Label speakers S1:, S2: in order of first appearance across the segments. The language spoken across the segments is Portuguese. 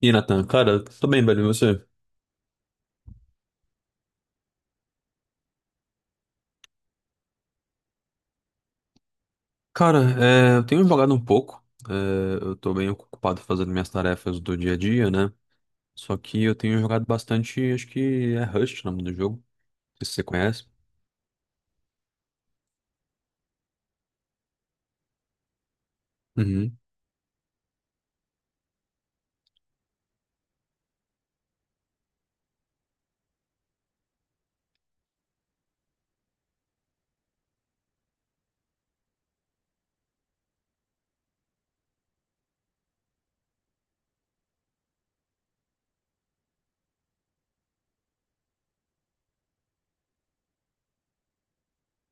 S1: E Nathan, cara, tô bem, velho, e você? Cara, eu tenho jogado um pouco, é, eu tô bem ocupado fazendo minhas tarefas do dia a dia, né? Só que eu tenho jogado bastante, acho que é Rust o nome do jogo, não sei se você conhece. Uhum,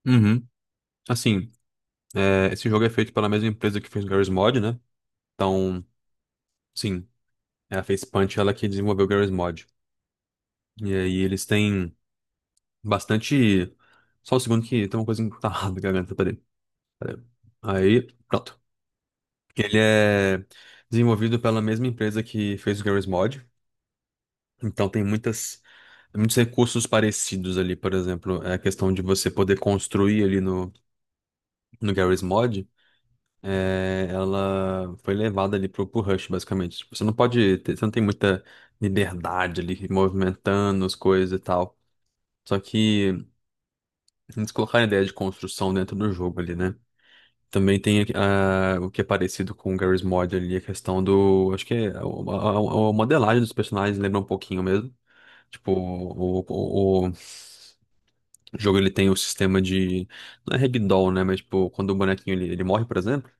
S1: uhum. Assim, esse jogo é feito pela mesma empresa que fez o GarageMod, né? Então, sim, é a Facepunch, ela que desenvolveu o GarageMod. E aí eles têm bastante. Só um segundo que tem uma coisa que tá errada na garganta, peraí, peraí. Aí, pronto. Ele é desenvolvido pela mesma empresa que fez o Garry's Mod, então tem muitas, muitos recursos parecidos ali, por exemplo, a questão de você poder construir ali no Garry's Mod, ela foi levada ali pro Rush, basicamente. Tipo, você não pode ter, você não tem muita liberdade ali, movimentando as coisas e tal. Só que eles colocaram a ideia de construção dentro do jogo ali, né? Também tem o que é parecido com o Garry's Mod ali, a questão do. Acho que é a modelagem dos personagens lembra um pouquinho mesmo. Tipo, o jogo ele tem o sistema de. Não é ragdoll, né? Mas, tipo, quando o bonequinho ele morre, por exemplo,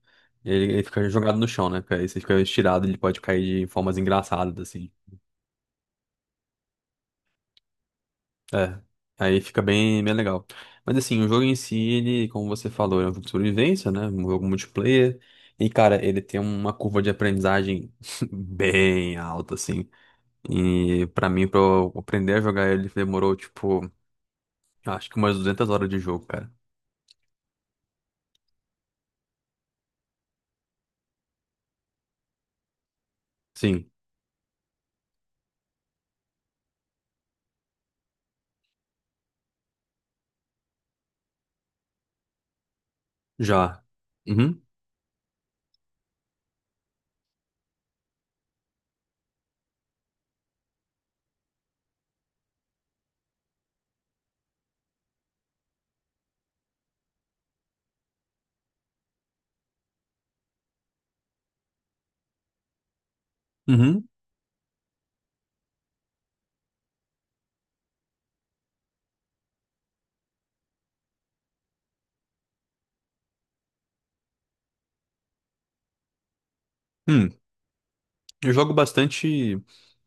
S1: ele fica jogado no chão, né? Aí você fica estirado, ele pode cair de formas engraçadas, assim. É, aí fica bem, bem legal. Mas assim, o jogo em si, ele, como você falou, é um jogo de sobrevivência, né? Um jogo multiplayer. E, cara, ele tem uma curva de aprendizagem bem alta, assim. E pra mim, pra eu aprender a jogar ele, demorou, tipo, acho que umas 200 horas de jogo, cara. Sim, já. Uhum, uhum. Hum, eu jogo bastante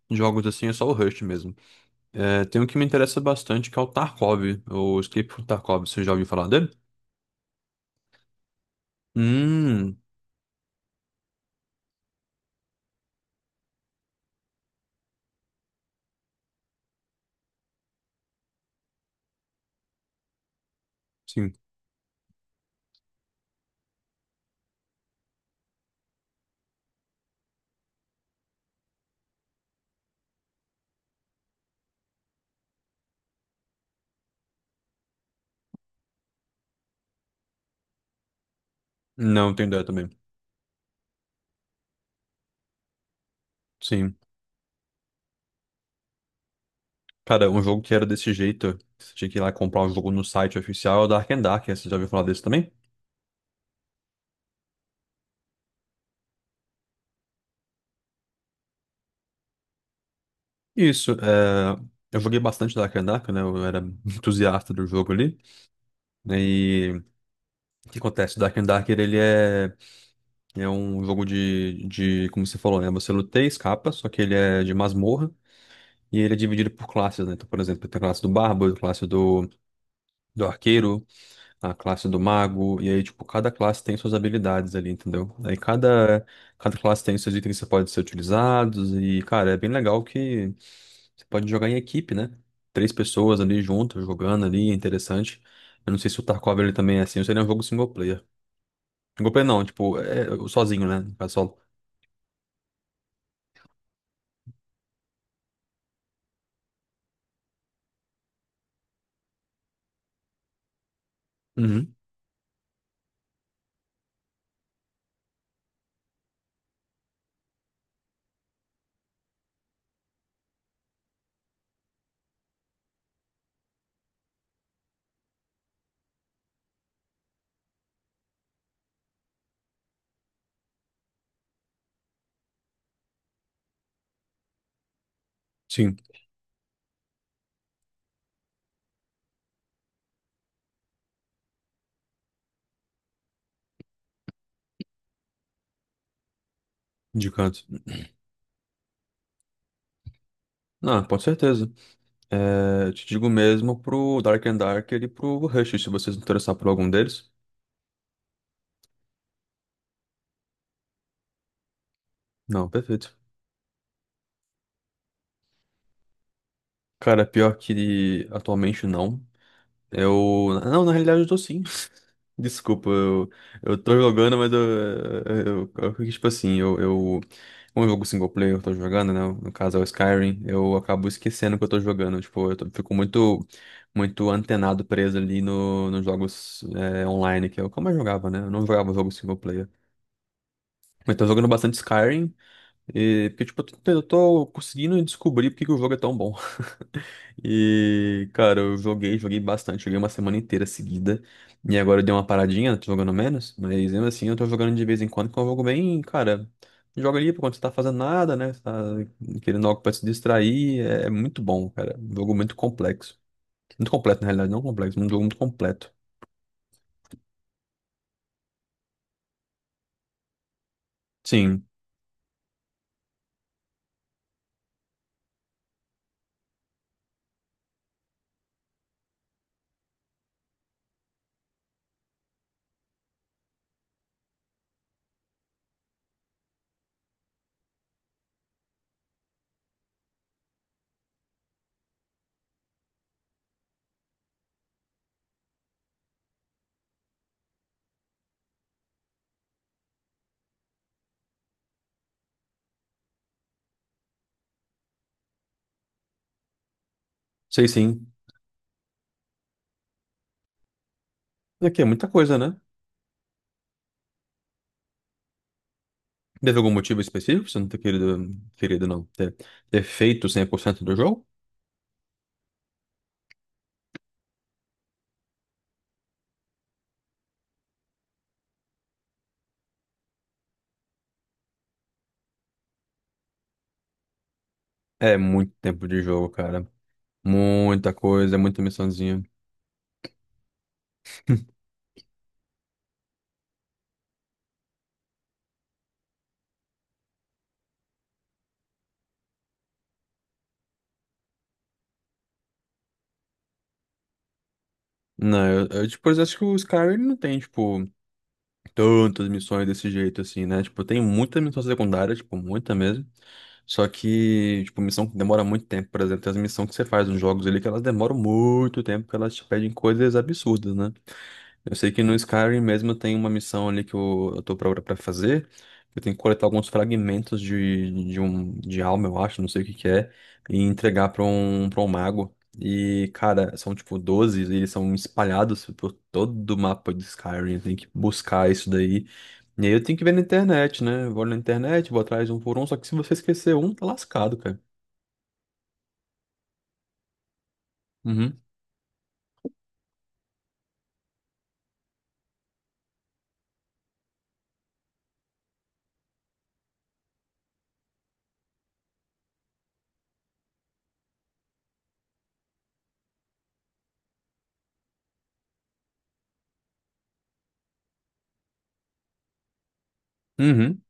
S1: jogos assim, é só o Rust mesmo. É, tem um que me interessa bastante, que é o Tarkov, o Escape from Tarkov, você já ouviu falar dele? Hum, sim. Não, tenho ideia também. Sim. Cara, um jogo que era desse jeito, que você tinha que ir lá comprar o jogo no site oficial, é o Dark and Dark. Você já ouviu falar desse também? Isso, eu joguei bastante Dark and Dark, né? Eu era entusiasta do jogo ali. Né, e o que acontece? Dark and Dark, ele é um jogo de, como você falou, né? Você luta e escapa, só que ele é de masmorra e ele é dividido por classes, né? Então, por exemplo, tem a classe do Bárbaro, a classe do Arqueiro, a classe do mago, e aí, tipo, cada classe tem suas habilidades ali, entendeu? Aí cada classe tem seus itens que você pode ser utilizados, e, cara, é bem legal que você pode jogar em equipe, né? 3 pessoas ali juntas, jogando ali, é interessante. Eu não sei se o Tarkov ele também é assim, ou se ele é um jogo single player. Single player não, tipo, é sozinho, né? No caso, solo. Uhum. Sim, de canto. Não, com certeza. É, eu te digo mesmo pro Dark and dark e pro Rush, se você se interessar por algum deles. Não, perfeito. Cara, pior que atualmente não. Eu. Não, na realidade eu tô sim. Desculpa, eu, tô jogando, mas eu, eu- tipo assim, eu. Como é um jogo single player eu tô jogando, né? No caso é o Skyrim, eu acabo esquecendo que eu tô jogando. Tipo, fico muito, muito antenado preso ali no, nos jogos online, que é como eu jogava, né? Eu não jogava jogo single player. Mas tô jogando bastante Skyrim, e, porque, tipo, eu tô conseguindo descobrir porque que o jogo é tão bom. E, cara, eu joguei, joguei bastante, joguei uma semana inteira seguida. E agora eu dei uma paradinha, tô jogando menos, mas mesmo assim eu tô jogando de vez em quando, que é um jogo bem, cara, joga ali quando você tá fazendo nada, né? Você tá querendo algo pra se distrair, é muito bom, cara. Um jogo muito complexo. Muito completo, na realidade, não complexo, um jogo muito completo. Sim, sei sim. Aqui é muita coisa, né? Teve algum motivo específico pra você não ter querido, querido não, ter feito 100% do jogo? É muito tempo de jogo, cara. Muita coisa, é muita missãozinha. Não, tipo, eu acho que o Skyrim ele não tem, tipo, tantas missões desse jeito, assim, né? Tipo, tem muita missão secundária, tipo, muita mesmo. Só que, tipo, missão que demora muito tempo, por exemplo, tem as missões que você faz nos jogos ali que elas demoram muito tempo, porque elas te pedem coisas absurdas, né? Eu sei que no Skyrim mesmo tem uma missão ali que eu tô pra fazer. Eu tenho que coletar alguns fragmentos de, um, de alma, eu acho, não sei o que que é, e entregar pra um, mago. E, cara, são tipo 12, e eles são espalhados por todo o mapa de Skyrim. Eu tenho que buscar isso daí. E aí eu tenho que ver na internet, né? Eu vou na internet, vou atrás um por um, só que se você esquecer um, tá lascado, cara. Uhum. Uhum.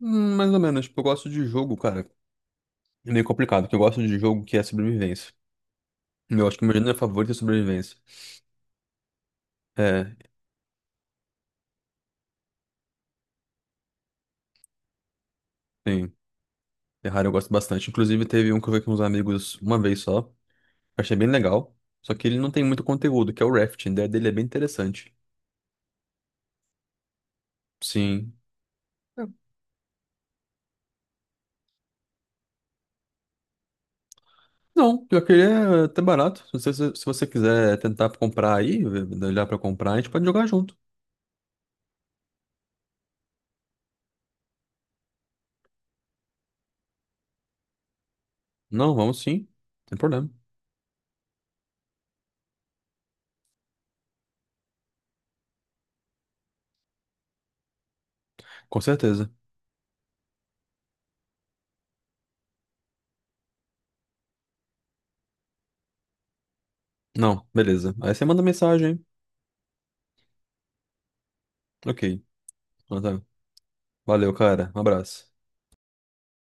S1: Mais ou menos, tipo, eu gosto de jogo, cara. É meio complicado, porque eu gosto de jogo que é sobrevivência. Eu acho que o meu gênero favorito é sobrevivência. É, sim. Terraria eu gosto bastante. Inclusive, teve um que eu vi com uns amigos uma vez só. Achei bem legal. Só que ele não tem muito conteúdo, que é o rafting. A ideia dele é bem interessante. Sim. Não, pior que ele é até barato. Se você quiser tentar comprar aí, olhar pra comprar, a gente pode jogar junto. Não, vamos sim. Sem problema. Com certeza. Não, beleza. Aí você manda mensagem. Ok. Ah, tá. Valeu, cara. Um abraço.